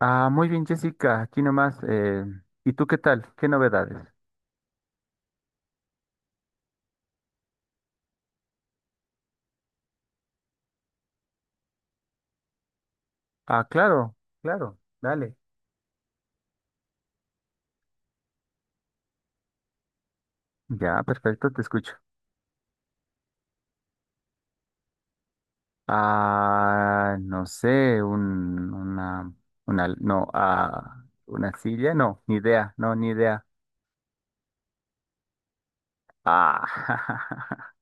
Ah, muy bien, Jessica, aquí nomás. ¿Y tú qué tal? ¿Qué novedades? Ah, claro, claro, dale. Ya, perfecto, te escucho. Ah, no sé, una, no, ah, una silla, no, ni idea, no, ni idea. Ah,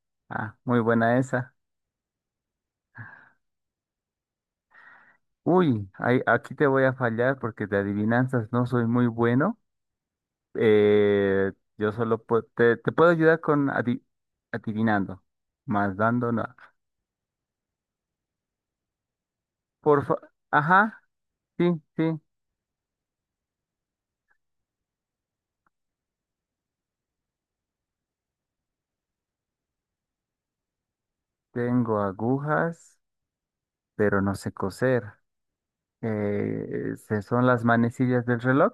ah, muy buena esa. Uy, aquí te voy a fallar porque de adivinanzas no soy muy bueno. Eh, yo solo te puedo ayudar con adivinando, más dando, no. Por fa- Ajá, sí, sí. Tengo agujas, pero no sé coser. ¿Se son las manecillas del reloj?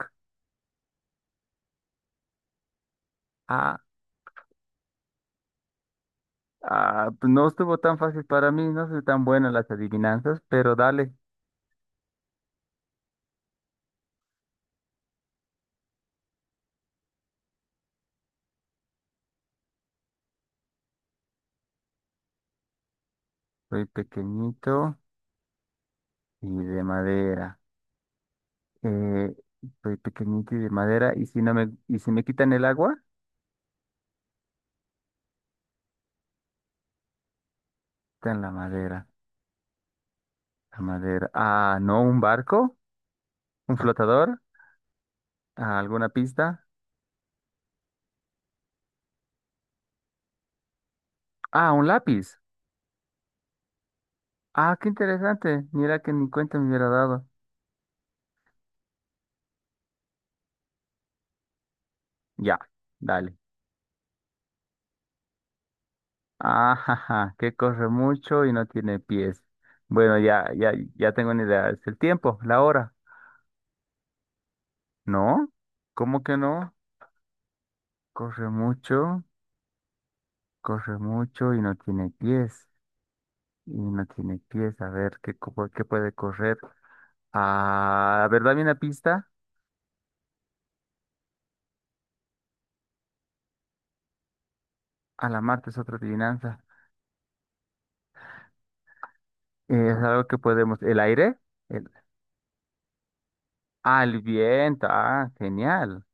Ah, ah, pues no estuvo tan fácil para mí, no soy tan bueno en las adivinanzas, pero dale. Soy pequeñito y de madera. Eh, Soy pequeñito y de madera, y y si me quitan el agua, quitan la madera. La madera. Ah, no, un barco, un flotador, ah, alguna pista. Ah, un lápiz. Ah, qué interesante. Mira que ni cuenta me hubiera dado. Ya, dale. Ajaja, que corre mucho y no tiene pies. Bueno, ya tengo una idea. Es el tiempo, la hora. ¿No? ¿Cómo que no? Corre mucho, corre mucho y no tiene pies. Y no tiene pies. A ver, ¿por qué puede correr? Ah, a ver, dame una pista. A la Marte es otra adivinanza. Es algo que podemos. ¿El aire? El... Ah, el viento. Ah, genial.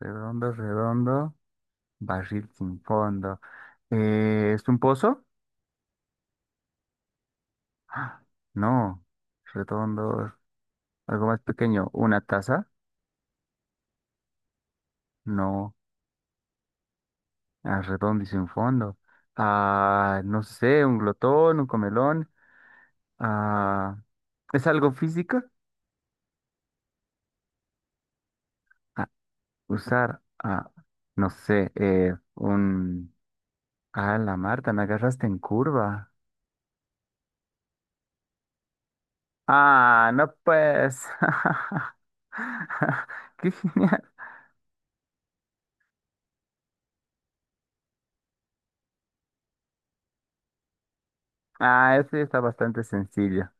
Redondo, redondo, barril sin fondo. ¿Es un pozo? ¡Ah! No. Redondo, algo más pequeño. ¿Una taza? No. Ah, redondo y sin fondo. Ah, no sé, un glotón, un comelón. Ah, ¿es algo físico? Ah, usar, ah, no sé, un... Ah, la Marta, me agarraste en curva. Ah, no pues. Qué genial. Ah, ese está bastante sencillo.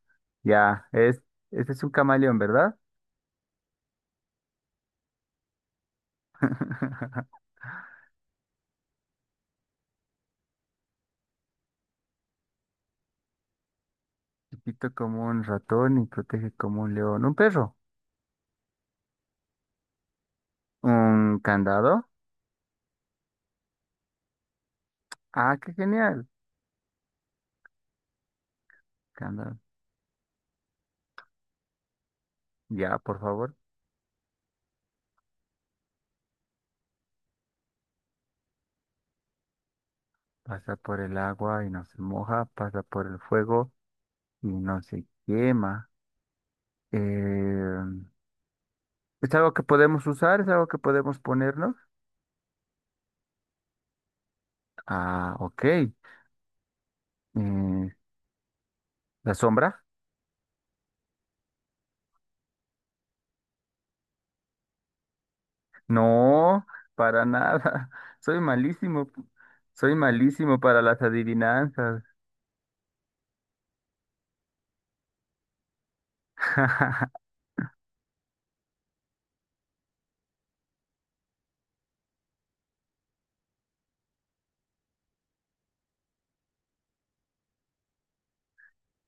Ya, es, este es un camaleón, ¿verdad? Chiquito como un ratón y protege como un león. ¿Un perro? ¿Un candado? Ah, qué genial. Candado. Ya, por favor. Pasa por el agua y no se moja. Pasa por el fuego y no se quema. Eh, ¿Es algo que podemos usar? ¿Es algo que podemos ponernos? Ah, ok. ¿La sombra? No, para nada. Soy malísimo. Soy malísimo para las adivinanzas.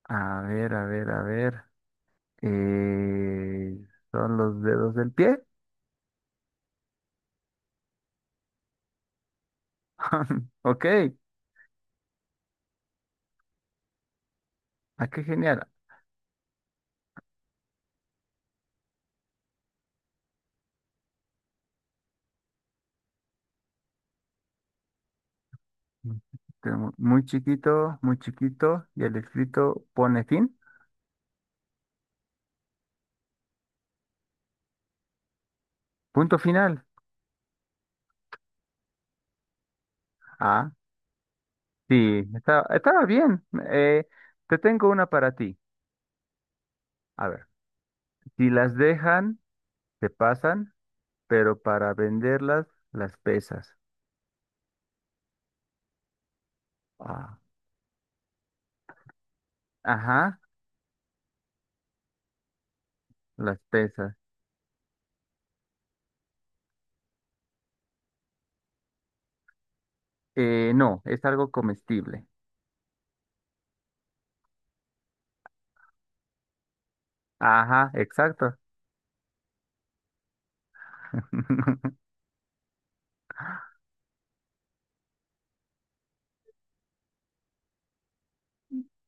A ver, a ver, a ver. Eh, ¿Son los dedos del pie? Ok. Ah, qué genial. Tengo muy chiquito, muy chiquito. Y el escrito pone fin. Punto final. Ah, sí. Estaba bien. Eh, Te tengo una para ti. A ver. Si las dejan, se pasan. Pero para venderlas, las pesas. Ah, ajá, las pesas. No, es algo comestible. Ajá, exacto.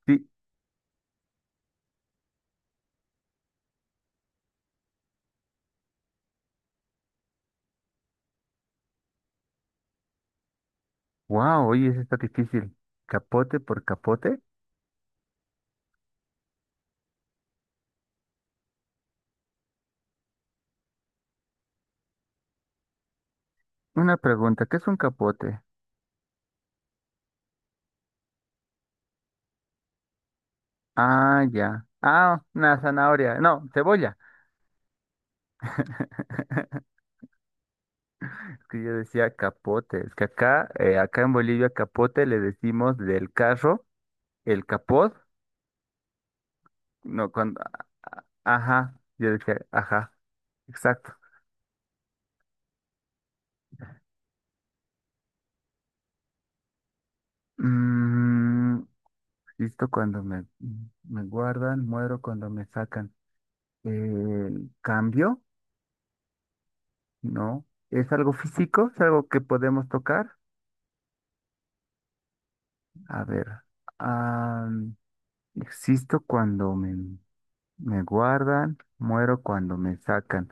Sí, wow, oye, eso está difícil. ¿Capote por capote? Una pregunta, ¿qué es un capote? Ah, ya. Ah, una zanahoria. No, cebolla. Es que yo decía capote. Es que acá, acá en Bolivia, capote le decimos del carro, el capot. No, cuando. Ajá, yo decía, ajá, exacto. Mm, listo cuando me, me guardan, muero cuando me sacan. El cambio, ¿no? ¿Es algo físico? ¿Es algo que podemos tocar? A ver. Ah, existo cuando me, me guardan, muero cuando me sacan.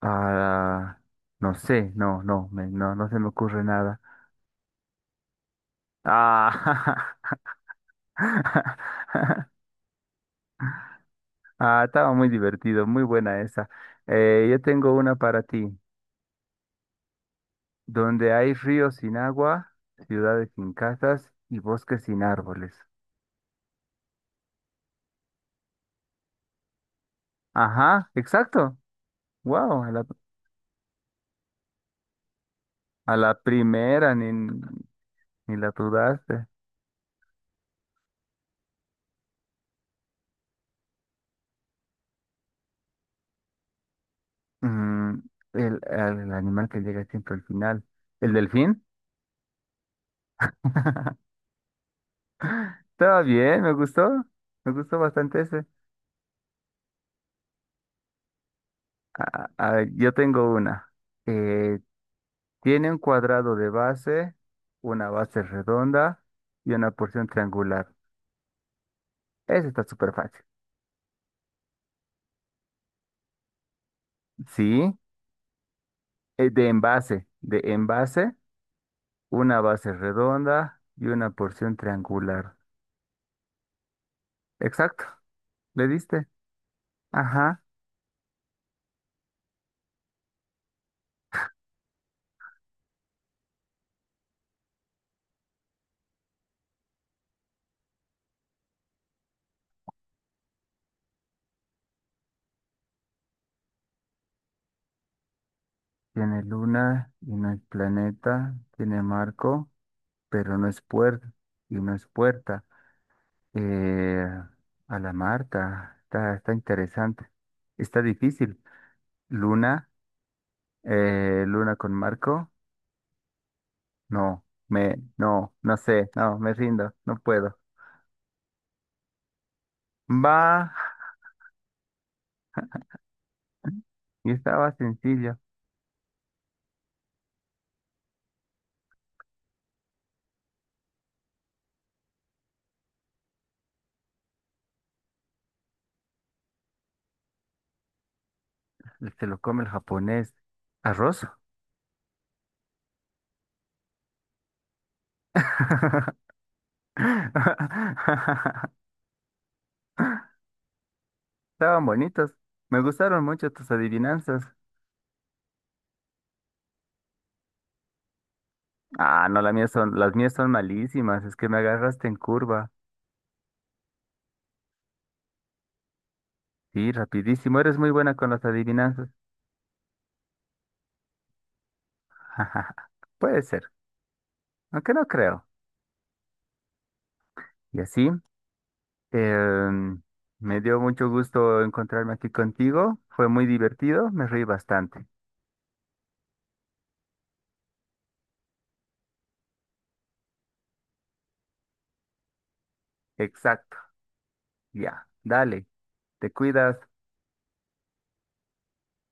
Ah, no sé, no, no se me ocurre nada. Ah, ah, estaba muy divertido, muy buena esa. Yo tengo una para ti. Donde hay ríos sin agua, ciudades sin casas y bosques sin árboles. Ajá, exacto. Wow, a la primera ni la dudaste. Mm, el animal que llega siempre al final. ¿El delfín? Estaba bien, me gustó. Me gustó bastante ese. A ver, yo tengo una. Eh, Tiene un cuadrado de base, una base redonda y una porción triangular. Ese está súper fácil. Sí, de envase, una base redonda y una porción triangular. Exacto, le diste. Ajá, tiene luna y no es planeta, tiene marco, pero no es puerta y no es puerta. Eh, a la Marta, está, está interesante. Está difícil. Luna, luna con marco, no, no sé, no, me rindo, no puedo. Va, y estaba sencillo. El que lo come el japonés. ¿Arroz? Estaban bonitos. Me gustaron mucho tus adivinanzas. Ah, no, las mías son malísimas. Es que me agarraste en curva. Sí, rapidísimo. Eres muy buena con las adivinanzas. Puede ser, aunque no creo. Y así, em, me dio mucho gusto encontrarme aquí contigo. Fue muy divertido. Me reí bastante. Exacto. Ya, dale. Te cuidas.